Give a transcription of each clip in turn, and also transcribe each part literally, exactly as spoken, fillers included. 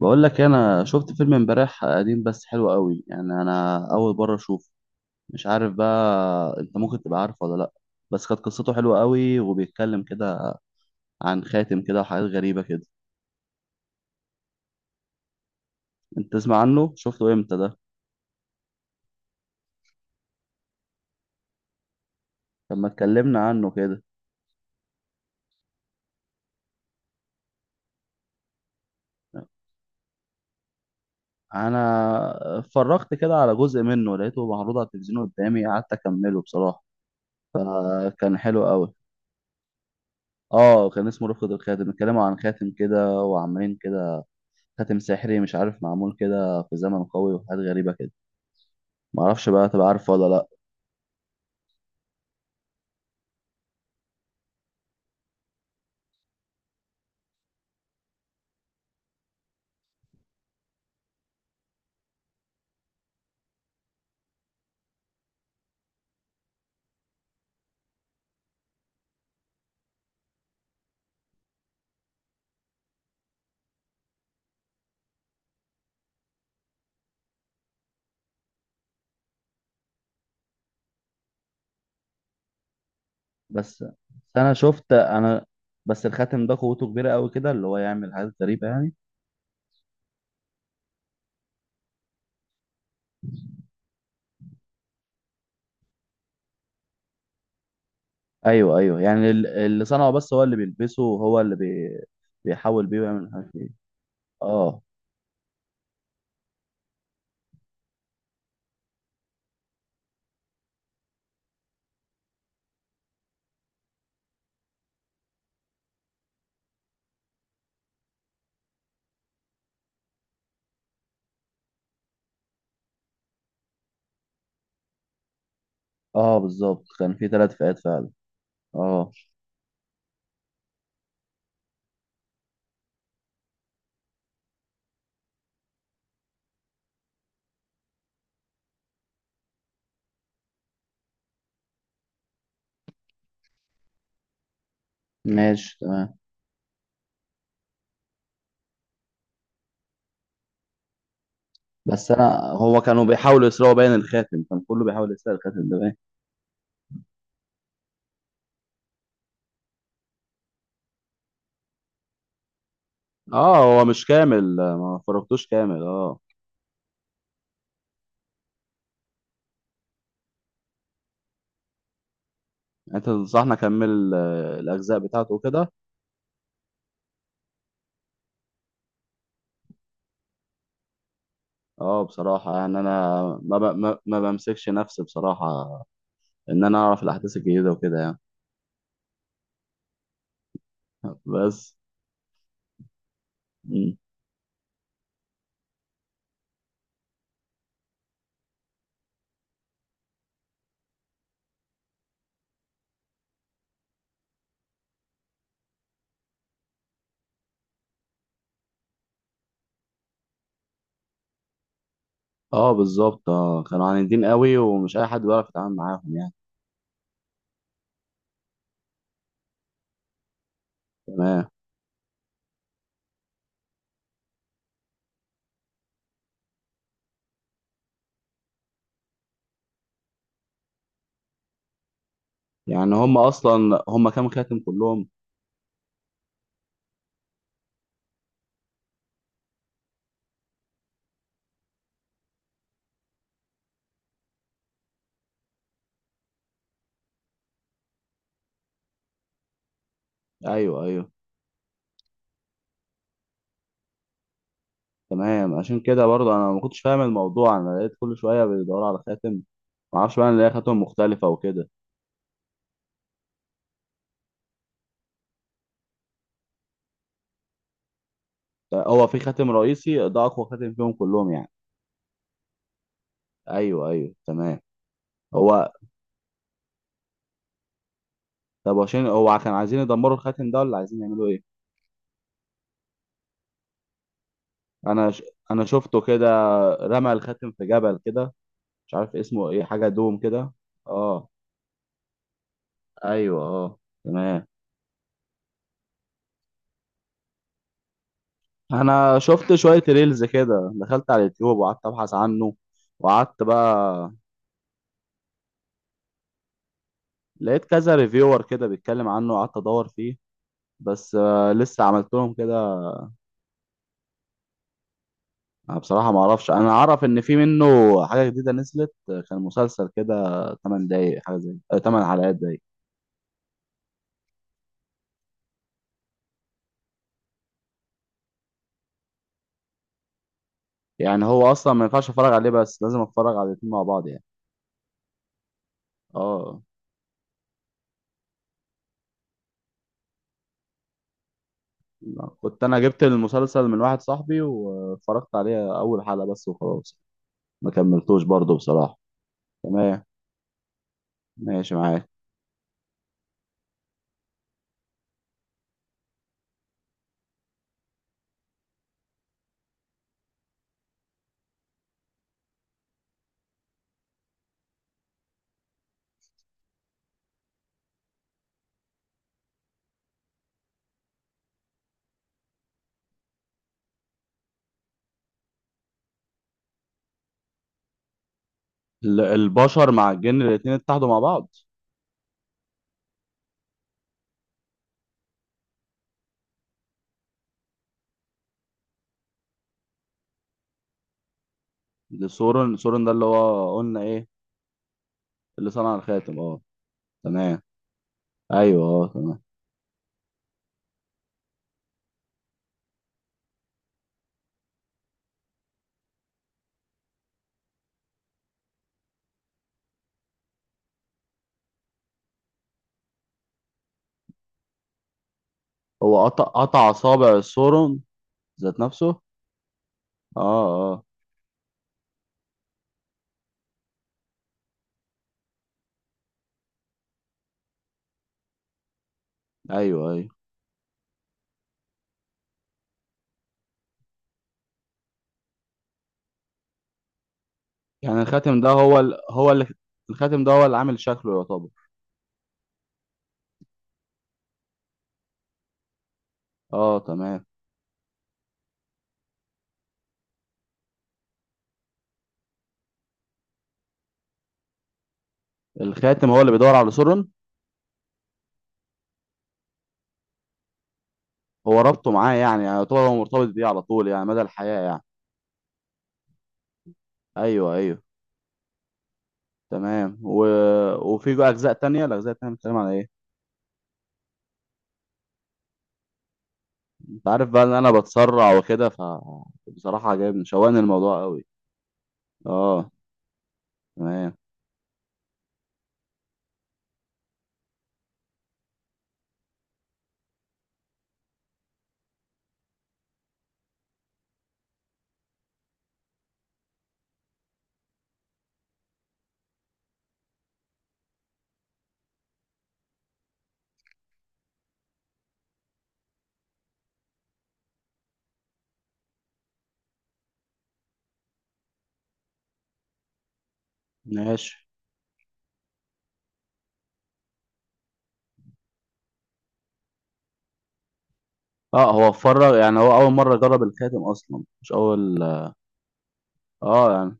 بقول لك إيه، انا شفت فيلم امبارح قديم بس حلو قوي، يعني انا اول مره اشوفه. مش عارف بقى انت ممكن تبقى عارفه ولا لا. بس كانت قصته حلوه قوي وبيتكلم كده عن خاتم كده وحاجات غريبه كده. انت تسمع عنه؟ شفته امتى ده؟ لما اتكلمنا عنه كده، انا اتفرجت كده على جزء منه، لقيته معروض على التلفزيون قدامي قعدت اكمله بصراحه، فكان حلو قوي. اه كان اسمه رفقة الخاتم، اتكلموا عن خاتم كده وعمالين كده، خاتم سحري مش عارف معمول كده في زمن قوي وحاجات غريبة كده. معرفش بقى تبقى عارفه ولا لأ. بس بس أنا شفت أنا بس الخاتم ده قوته كبيرة قوي كده، اللي هو يعمل حاجات غريبة يعني. أيوه أيوه، يعني ال- اللي صنعه بس هو اللي بيلبسه وهو اللي بي... بيحاول بيه ويعمل حاجات إيه. أه. أه بالظبط، كان في تلات فئات فعلا. أه، ماشي تمام. بس أنا هو كانوا بيحاولوا يسرقوا باين الخاتم، كان كله بيحاول يسرق الخاتم ده باين. أه هو مش كامل، ما فرقتوش كامل، أه. انت تنصحني اكمل آه، الاجزاء بتاعته وكده؟ اه بصراحه، يعني انا ما ب... ما ما بمسكش نفسي بصراحه، ان انا اعرف الاحداث الجديده وكده يعني. بس. مم. اه بالظبط، اه كانوا عاندين قوي ومش اي حد بيعرف يتعامل معاهم يعني. تمام. يعني هم اصلا هم كام خاتم كلهم؟ ايوه ايوه تمام. عشان كده برضه انا ما كنتش فاهم الموضوع، انا لقيت كل شويه بيدوروا على خاتم، ما اعرفش بقى ان ليها خاتم مختلفه وكده. هو في خاتم رئيسي ده اقوى خاتم فيهم كلهم يعني؟ ايوه ايوه تمام. هو طب عشان هو كان عايزين يدمروا الخاتم ده ولا عايزين يعملوا ايه؟ انا ش... انا شفته كده، رمى الخاتم في جبل كده، مش عارف اسمه ايه، حاجه دوم كده. اه ايوه اه تمام. انا شفت شويه ريلز كده، دخلت على اليوتيوب وقعدت ابحث عنه وقعدت بقى، لقيت كذا ريفيور كده بيتكلم عنه وقعدت ادور فيه بس آه، لسه عملت لهم كده. أنا بصراحه ما اعرفش، انا اعرف ان في منه حاجه جديده نزلت، آه، كان مسلسل كده ثمان دقايق، حاجه زي ثمان حلقات. يعني هو اصلا ما ينفعش اتفرج عليه بس لازم اتفرج على الاتنين مع بعض يعني؟ اه لا، كنت انا جبت المسلسل من واحد صاحبي واتفرجت عليه اول حلقة بس وخلاص، ما كملتوش برضه بصراحة. تمام ماشي معاك. ال- البشر مع الجن الاتنين اتحدوا مع بعض؟ ده سورن سورن ده اللي هو قلنا ايه؟ اللي صنع الخاتم، اه. تمام. ايوه اه تمام. هو قطع قطع اصابع سورن ذات نفسه؟ اه. اه ايوه ايوه، يعني الخاتم ده هو ال... هو اللي الخاتم ده هو اللي عامل شكله يعتبر؟ اه تمام. الخاتم هو اللي بيدور على سورن؟ هو ربطه معاه يعني، يعني يعتبر هو مرتبط بيه على طول يعني مدى الحياة يعني. ايوه ايوه تمام و... وفي جوا اجزاء تانية، الاجزاء التانية بتتكلم على ايه؟ انت عارف بقى ان انا بتسرع وكده، فبصراحة عجبني، شوقني الموضوع قوي. اه تمام ماشي. اه هو اتفرج يعني، هو اول مرة جرب الخاتم اصلا، مش اول. اه يعني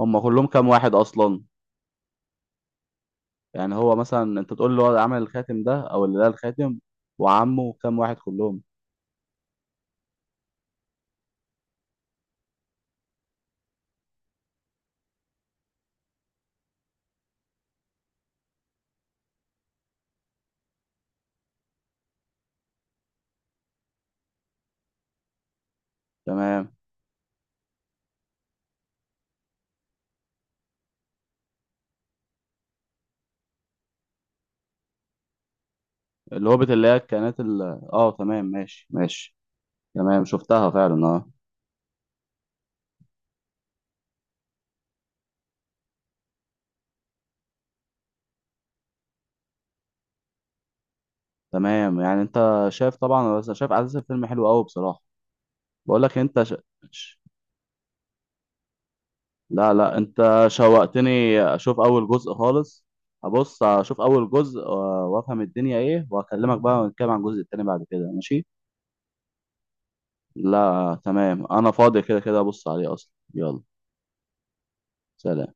هم كلهم كام واحد اصلا؟ يعني هو مثلا انت تقول له هو عمل الخاتم ده او اللي ده الخاتم، وعمه كام واحد كلهم؟ تمام. الهوبت اللي هي كانت ال...، اه تمام ماشي ماشي. تمام شفتها فعلا، اه. تمام يعني انت شايف طبعا، بس شايف على اساس الفيلم حلو قوي بصراحه. بقول لك انت ش... ش- لا لا، انت شوقتني اشوف اول جزء خالص، هبص اشوف اول جزء آه، وافهم الدنيا ايه واكلمك بقى، ونتكلم عن الجزء التاني بعد كده، ماشي. لا تمام انا فاضي كده كده، ابص عليه اصلا، يلا. سلام.